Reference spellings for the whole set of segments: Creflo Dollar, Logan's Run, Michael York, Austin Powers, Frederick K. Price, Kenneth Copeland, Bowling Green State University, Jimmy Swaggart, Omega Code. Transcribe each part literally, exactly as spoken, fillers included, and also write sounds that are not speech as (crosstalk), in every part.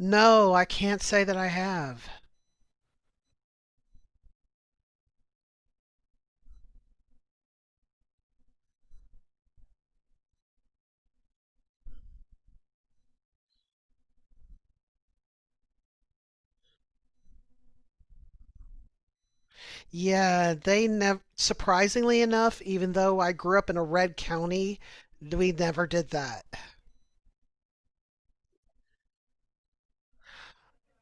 No, I can't say that I have. Yeah, they never, surprisingly enough, even though I grew up in a red county, we never did that.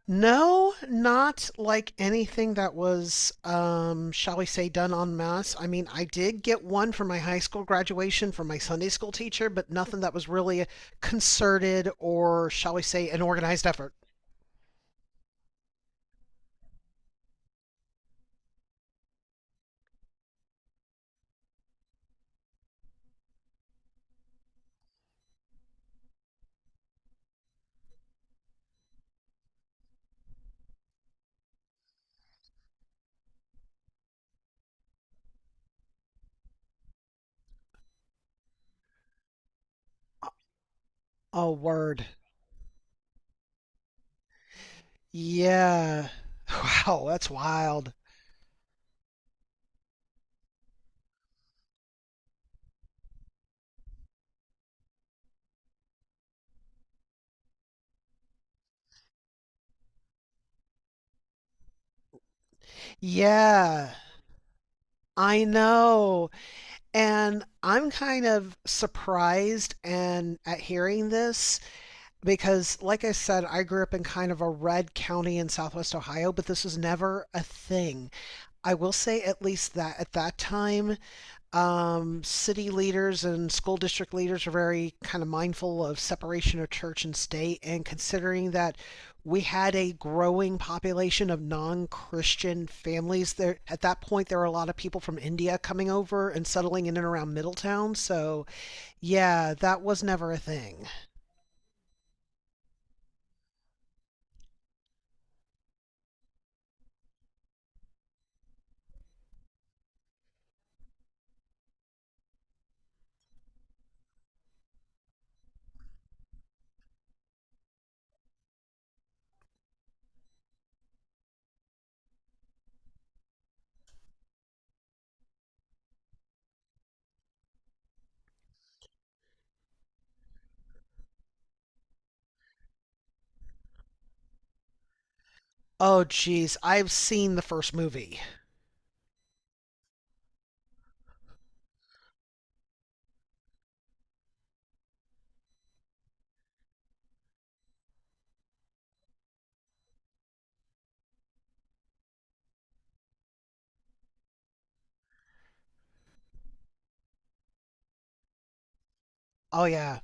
No, not like anything that was, um, shall we say, done en masse. I mean, I did get one for my high school graduation from my Sunday school teacher, but nothing that was really a concerted or, shall we say, an organized effort. Oh, word. Yeah. (laughs) Wow, that's wild. Yeah. I know. And I'm kind of surprised and at hearing this because like I said, I grew up in kind of a red county in southwest Ohio, but this was never a thing. I will say at least that at that time, um, city leaders and school district leaders are very kind of mindful of separation of church and state, and considering that we had a growing population of non-Christian families there, at that point there were a lot of people from India coming over and settling in and around Middletown. So yeah, that was never a thing. Oh geez, I've seen the first movie. Oh yeah.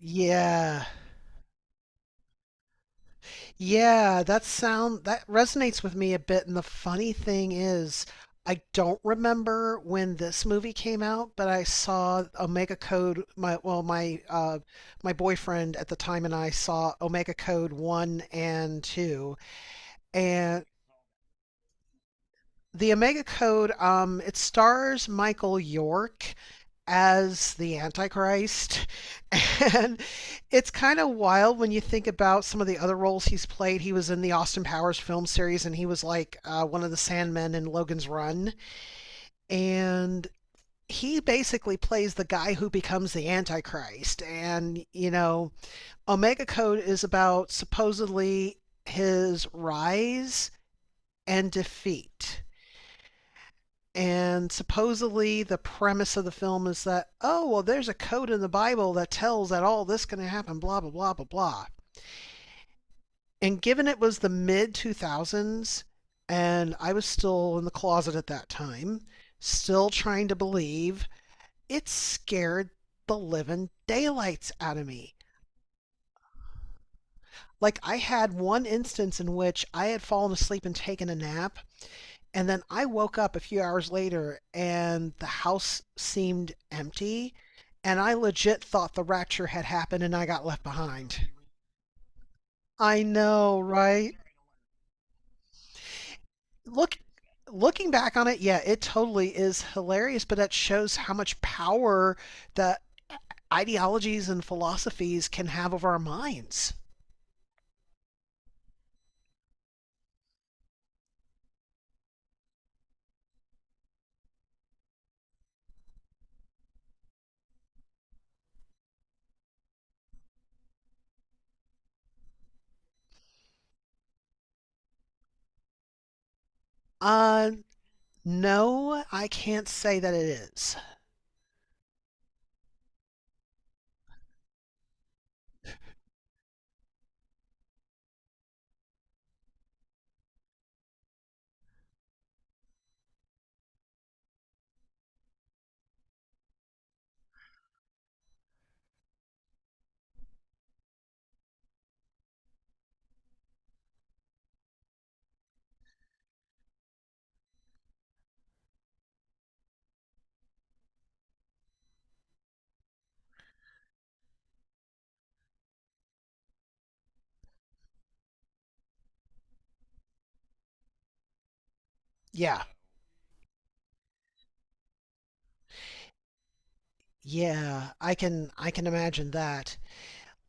Yeah. Yeah, that sound that resonates with me a bit. And the funny thing is, I don't remember when this movie came out, but I saw Omega Code. My, well, my uh, my boyfriend at the time and I saw Omega Code one and two, and the Omega Code. Um, it stars Michael York as the Antichrist. (laughs) And it's kind of wild when you think about some of the other roles he's played. He was in the Austin Powers film series and he was like uh, one of the Sandmen in Logan's Run. And he basically plays the guy who becomes the Antichrist. And, you know, Omega Code is about supposedly his rise and defeat. And supposedly, the premise of the film is that, oh, well, there's a code in the Bible that tells that all this is going to happen, blah, blah, blah, blah, blah. And given it was the mid two thousands, and I was still in the closet at that time, still trying to believe, it scared the living daylights out of me. Like, I had one instance in which I had fallen asleep and taken a nap, and then I woke up a few hours later and the house seemed empty. And I legit thought the rapture had happened and I got left behind. I know, right? Look, looking back on it, yeah, it totally is hilarious, but that shows how much power the ideologies and philosophies can have over our minds. Uh, no, I can't say that it is. Yeah, yeah, I can, I can imagine that.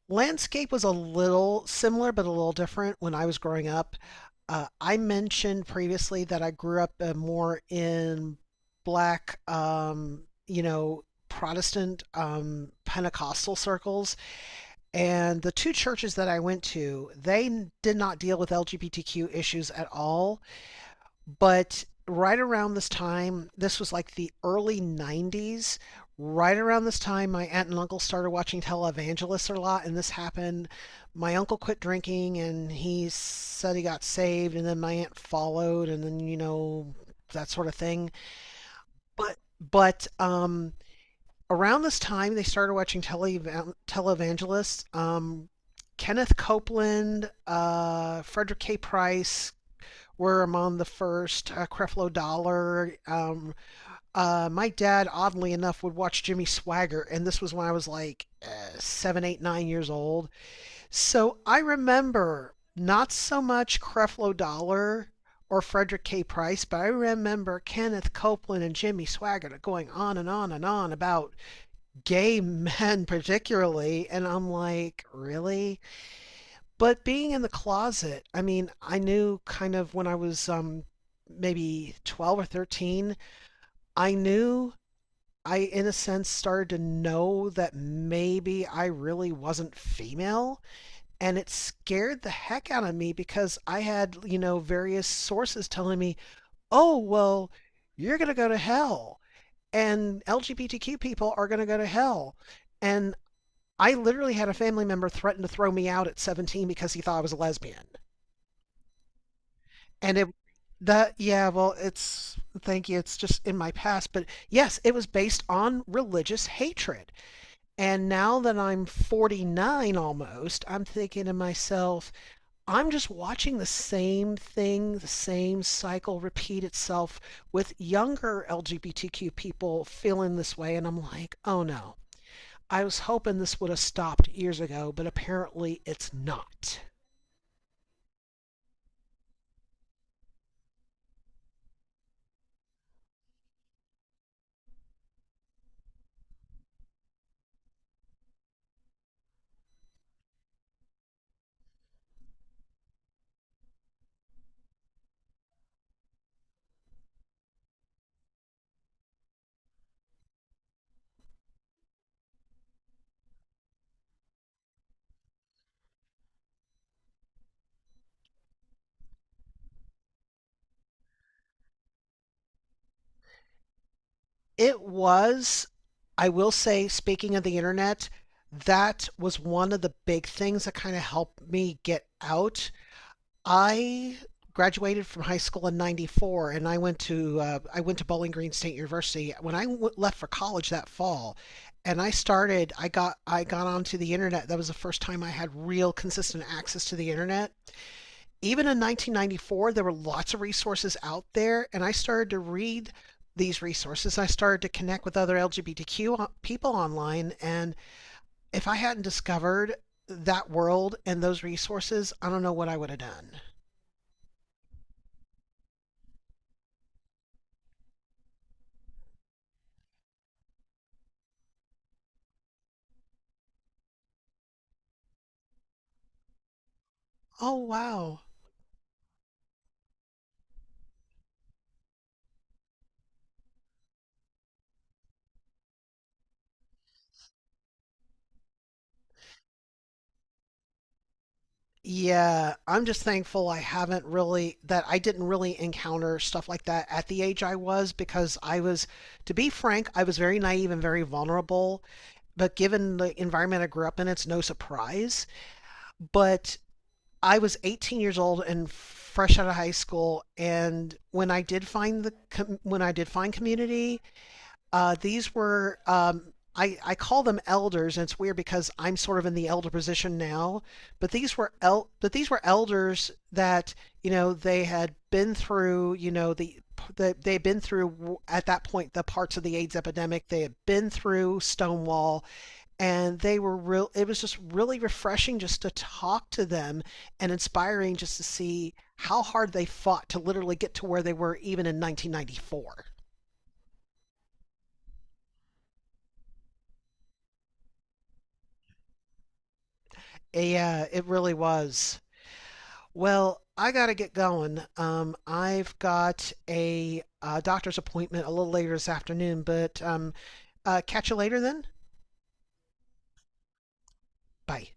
Landscape was a little similar, but a little different when I was growing up. Uh, I mentioned previously that I grew up uh, more in black, um, you know, Protestant, um, Pentecostal circles, and the two churches that I went to, they did not deal with L G B T Q issues at all. But right around this time, this was like the early nineties. Right around this time, my aunt and uncle started watching televangelists a lot, and this happened. My uncle quit drinking and he said he got saved, and then my aunt followed, and then, you know, that sort of thing. But, but, um, around this time, they started watching tele- televangelists. Um, Kenneth Copeland, uh, Frederick K. Price, were among the first. Uh, Creflo Dollar. Um, uh, my dad, oddly enough, would watch Jimmy Swagger, and this was when I was like uh, seven, eight, nine years old. So I remember not so much Creflo Dollar or Frederick K. Price, but I remember Kenneth Copeland and Jimmy Swaggart going on and on and on about gay (laughs) men, particularly. And I'm like, really? But being in the closet, I mean, I knew kind of when I was um, maybe twelve or thirteen. I knew, I, in a sense, started to know that maybe I really wasn't female. And it scared the heck out of me because I had, you know, various sources telling me, oh, well, you're going to go to hell. And L G B T Q people are going to go to hell. And I literally had a family member threaten to throw me out at seventeen because he thought I was a lesbian. And it that yeah, well, it's, thank you. It's just in my past, but yes, it was based on religious hatred. And now that I'm forty-nine almost, I'm thinking to myself, I'm just watching the same thing, the same cycle repeat itself with younger L G B T Q people feeling this way and I'm like, "Oh no. I was hoping this would have stopped years ago, but apparently it's not." It was, I will say, speaking of the internet, that was one of the big things that kind of helped me get out. I graduated from high school in ninety-four and I went to uh, I went to Bowling Green State University when I w- left for college that fall. And I started I got I got onto the internet. That was the first time I had real consistent access to the internet. Even in nineteen ninety-four, there were lots of resources out there, and I started to read these resources. I started to connect with other L G B T Q people online, and if I hadn't discovered that world and those resources, I don't know what I would have done. Oh, wow. Yeah, I'm just thankful I haven't really, that I didn't really encounter stuff like that at the age I was, because I was, to be frank, I was very naive and very vulnerable. But given the environment I grew up in, it's no surprise. But I was eighteen years old and fresh out of high school, and when I did find the when I did find community, uh, these were, um, I I call them elders, and it's weird because I'm sort of in the elder position now, but these were el- but these were elders that, you know, they had been through, you know, the that they've been through at that point the parts of the AIDS epidemic. They had been through Stonewall and they were real. It was just really refreshing just to talk to them and inspiring just to see how hard they fought to literally get to where they were even in nineteen ninety-four. Yeah, it really was. Well, I gotta get going. um, I've got a, uh doctor's appointment a little later this afternoon. But um, uh, catch you later then. Bye.